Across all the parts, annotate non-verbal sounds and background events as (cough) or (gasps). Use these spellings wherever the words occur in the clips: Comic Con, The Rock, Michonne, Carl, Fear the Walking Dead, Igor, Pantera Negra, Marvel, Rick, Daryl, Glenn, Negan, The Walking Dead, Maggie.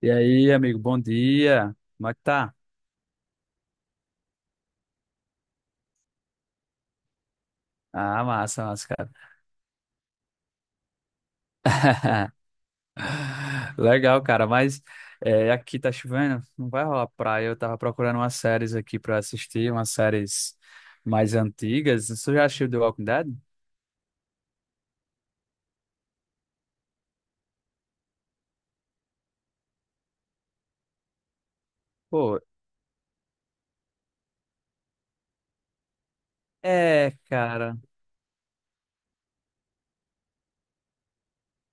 E aí, amigo, bom dia. Como é que tá? Ah, massa, massa, cara. (laughs) Legal, cara, mas aqui tá chovendo, não vai rolar praia. Eu tava procurando umas séries aqui pra assistir, umas séries mais antigas. Você já assistiu The Walking Dead? Pô, é, cara.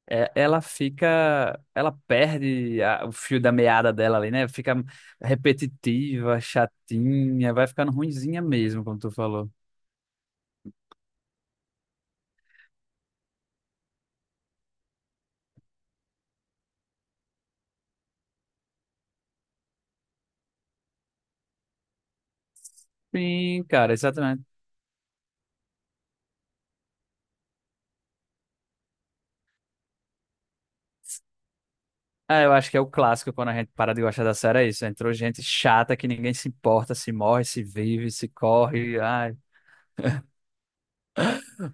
É, ela fica. Ela perde o fio da meada dela ali, né? Fica repetitiva, chatinha, vai ficando ruinzinha mesmo, como tu falou. Sim, cara, exatamente. Ah, eu acho que é o clássico quando a gente para de gostar da série, é isso. Entrou gente chata que ninguém se importa, se morre, se vive, se corre. Ai,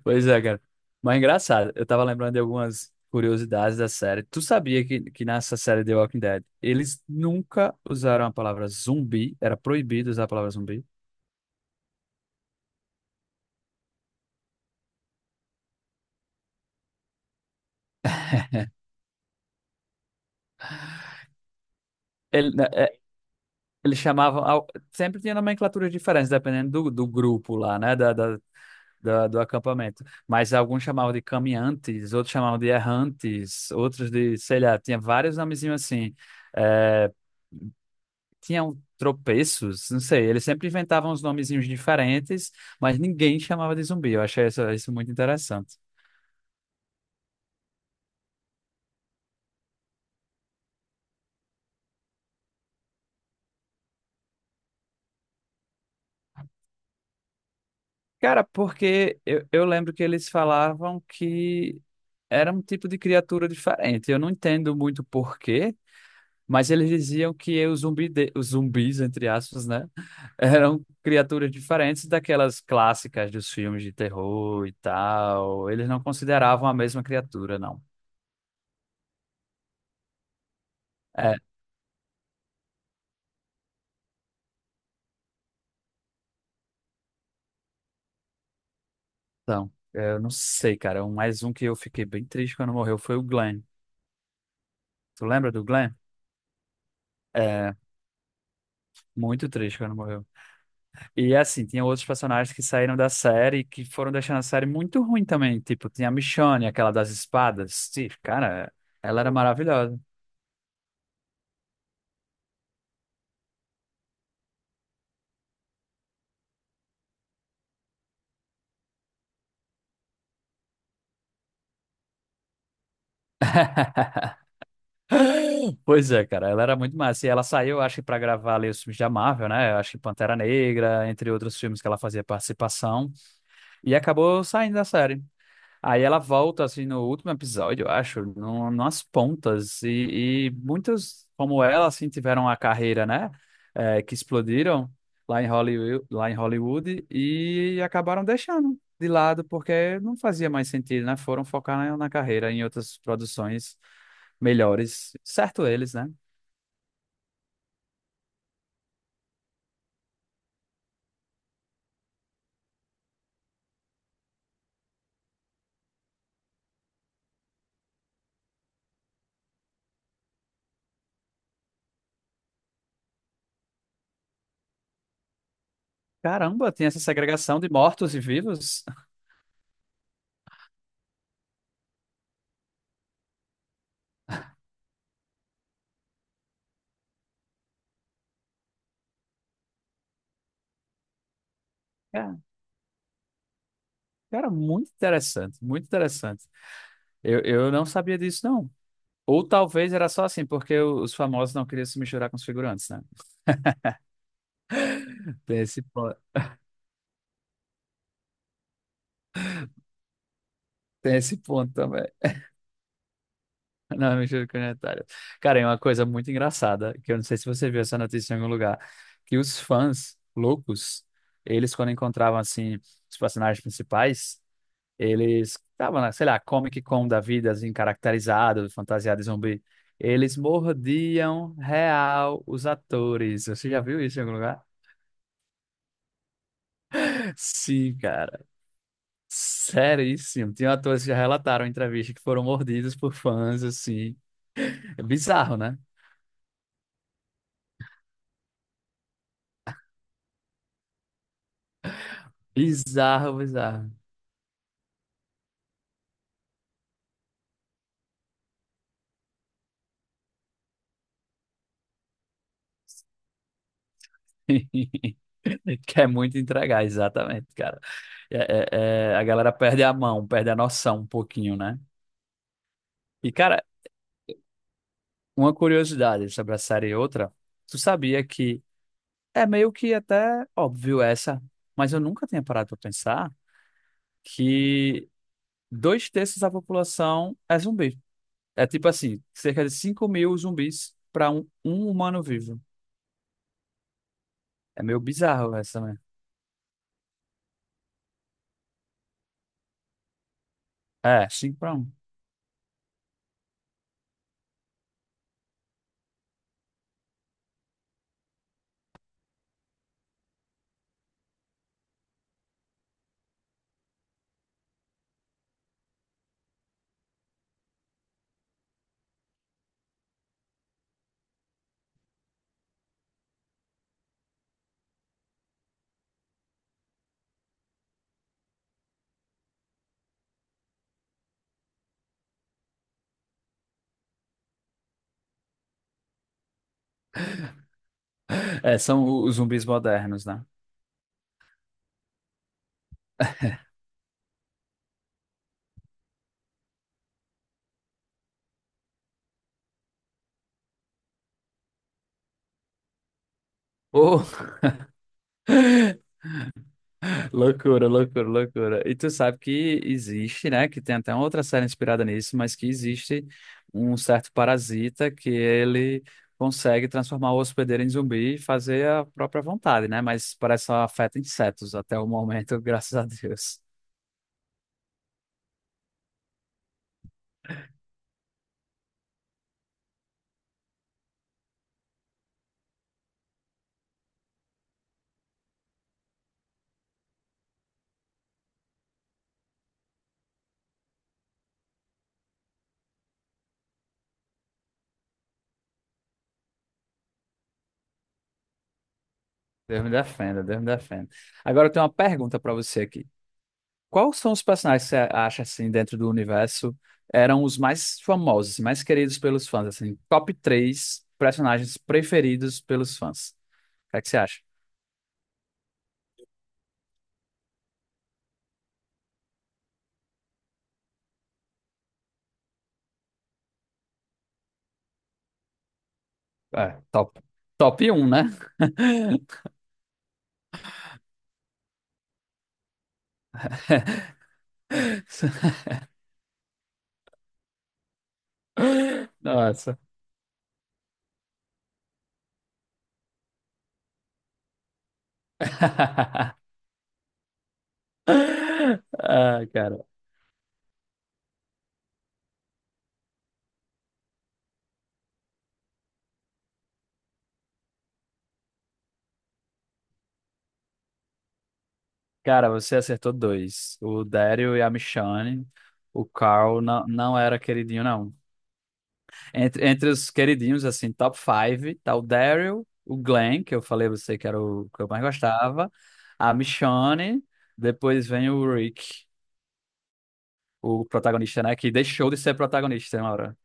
pois é, cara. Mas é engraçado, eu tava lembrando de algumas curiosidades da série. Tu sabia que nessa série The Walking Dead, eles nunca usaram a palavra zumbi, era proibido usar a palavra zumbi. Né, eles chamavam. Sempre tinha nomenclaturas diferentes, dependendo do grupo lá, né? Do acampamento. Mas alguns chamavam de caminhantes, outros chamavam de errantes, outros de, sei lá, tinha vários nomezinhos assim. É, tinham tropeços, não sei, eles sempre inventavam uns nomezinhos diferentes, mas ninguém chamava de zumbi. Eu achei isso muito interessante. Cara, porque eu lembro que eles falavam que era um tipo de criatura diferente. Eu não entendo muito porquê. Mas eles diziam que os zumbis, entre aspas, né? (laughs) Eram criaturas diferentes daquelas clássicas dos filmes de terror e tal. Eles não consideravam a mesma criatura, não. É, então, eu não sei, cara. Mais um que eu fiquei bem triste quando morreu foi o Glenn. Tu lembra do Glenn? É, muito triste quando morreu. E assim, tinha outros personagens que saíram da série e que foram deixando a série muito ruim também. Tipo, tinha a Michonne, aquela das espadas. Sim, cara, ela era maravilhosa. (laughs) (gasps) Pois é, cara, ela era muito massa. E ela saiu, acho que, pra gravar ali os filmes da Marvel, né? Acho que Pantera Negra, entre outros filmes que ela fazia participação. E acabou saindo da série. Aí ela volta, assim, no último episódio, eu acho, no, nas pontas. E muitas, como ela, assim, tiveram a carreira, né? Que explodiram lá em Hollywood e acabaram deixando de lado, porque não fazia mais sentido, né? Foram focar na carreira, em outras produções melhores. Certo eles, né? Caramba, tem essa segregação de mortos e vivos. (laughs) É, cara, muito interessante, muito interessante. Eu não sabia disso, não. Ou talvez era só assim, porque os famosos não queriam se misturar com os figurantes, né? Tem esse ponto, tem esse ponto também. (laughs) Não, mistura comunitária. Cara, é uma coisa muito engraçada, que eu não sei se você viu essa notícia em algum lugar, que os fãs loucos, eles quando encontravam, assim, os personagens principais, eles estavam na, sei lá, Comic Con da vida, assim, caracterizado, fantasiado de zumbi. Eles mordiam real os atores. Você já viu isso em algum lugar? Sim, cara. Seríssimo. Tinha atores que já relataram em entrevista que foram mordidos por fãs, assim. É bizarro, né? Bizarro, bizarro. (laughs) Quer muito entregar, exatamente, cara. É, a galera perde a mão, perde a noção um pouquinho, né? E, cara, uma curiosidade sobre a série e outra, tu sabia que é meio que até óbvio essa, mas eu nunca tinha parado pra pensar que dois terços da população é zumbi. É tipo assim, cerca de 5.000 zumbis para um humano vivo. É meio bizarro essa, né? É, 5 para um. (laughs) É, são os zumbis modernos, né? Oh, (laughs) loucura, loucura, loucura. E tu sabe que existe, né? Que tem até uma outra série inspirada nisso, mas que existe um certo parasita que ele consegue transformar o hospedeiro em zumbi e fazer a própria vontade, né? Mas parece só afeta insetos até o momento, (laughs) graças a Deus. Deus me defenda, Deus me defenda. Agora eu tenho uma pergunta para você aqui. Quais são os personagens que você acha assim dentro do universo eram os mais famosos, mais queridos pelos fãs, assim, top três personagens preferidos pelos fãs? O que é que você acha? É, top. Top um, né? (laughs) Nossa. (laughs) Ah, cara. Cara, você acertou dois. O Daryl e a Michonne. O Carl não, não era queridinho, não. Entre os queridinhos, assim, top five tá o Daryl, o Glenn, que eu falei a você que era o que eu mais gostava, a Michonne, depois vem o Rick, o protagonista, né, que deixou de ser protagonista uma hora.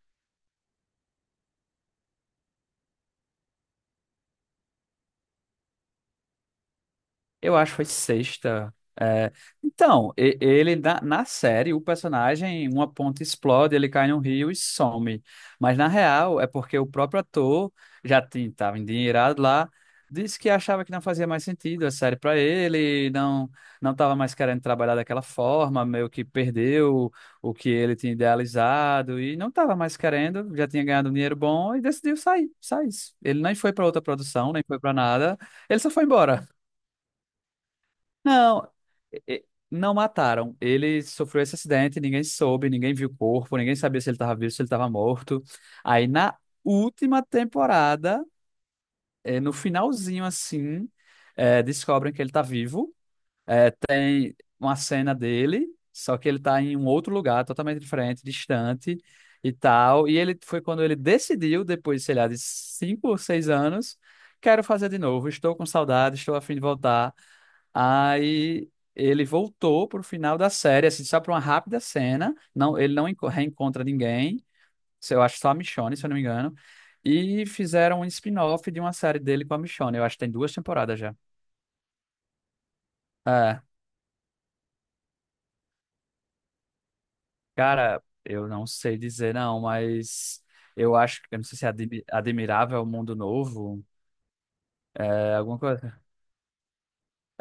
Eu acho que foi sexta. É, então, ele na série, o personagem, uma ponta explode, ele cai num rio e some. Mas na real, é porque o próprio ator já estava endinheirado lá, disse que achava que não fazia mais sentido a série para ele, não estava mais querendo trabalhar daquela forma, meio que perdeu o que ele tinha idealizado e não estava mais querendo, já tinha ganhado um dinheiro bom e decidiu sair, sair. Ele nem foi para outra produção, nem foi para nada, ele só foi embora. Não, não mataram. Ele sofreu esse acidente, ninguém soube, ninguém viu o corpo, ninguém sabia se ele estava vivo, se ele estava morto. Aí na última temporada, no finalzinho assim, descobrem que ele está vivo, tem uma cena dele, só que ele tá em um outro lugar, totalmente diferente, distante e tal. E ele foi quando ele decidiu, depois, sei lá, de 5 ou 6 anos, quero fazer de novo, estou com saudade, estou a fim de voltar. Aí ele voltou pro final da série, assim, só pra uma rápida cena. Não, ele não reencontra ninguém, eu acho só a Michonne, se eu não me engano. E fizeram um spin-off de uma série dele com a Michonne. Eu acho que tem duas temporadas já. É. Cara, eu não sei dizer não, mas eu acho, eu não sei se é admirável é o mundo novo, é alguma coisa.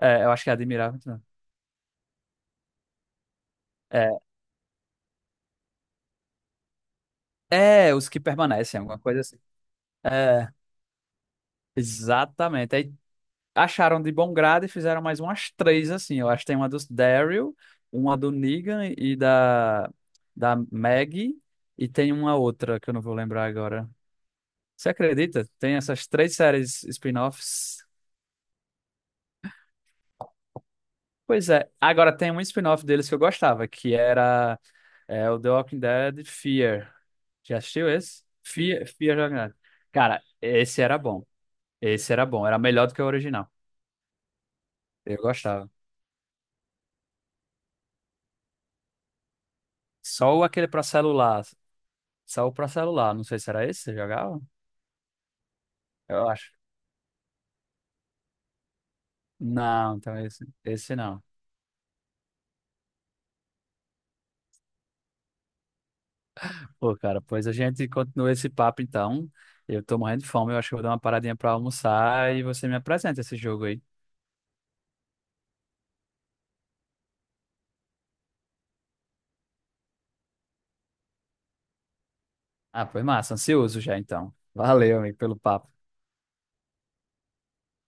É, eu acho que é admirável. Não. É, é os que permanecem, alguma coisa assim. É, exatamente. Aí acharam de bom grado e fizeram mais umas três assim. Eu acho que tem uma dos Daryl, uma do Negan e da Maggie e tem uma outra que eu não vou lembrar agora. Você acredita? Tem essas três séries spin-offs. Pois é. Agora tem um spin-off deles que eu gostava, que era o The Walking Dead Fear. Já assistiu esse? Fear, Fear the Walking Dead. Cara, esse era bom. Esse era bom. Era melhor do que o original. Eu gostava. Só o aquele pra celular. Só o pra celular. Não sei se era esse que você jogava. Eu acho. Não, então esse não. Pô, cara, pois a gente continua esse papo então. Eu tô morrendo de fome. Eu acho que eu vou dar uma paradinha pra almoçar e você me apresenta esse jogo aí. Ah, foi massa, ansioso já então. Valeu, amigo, pelo papo.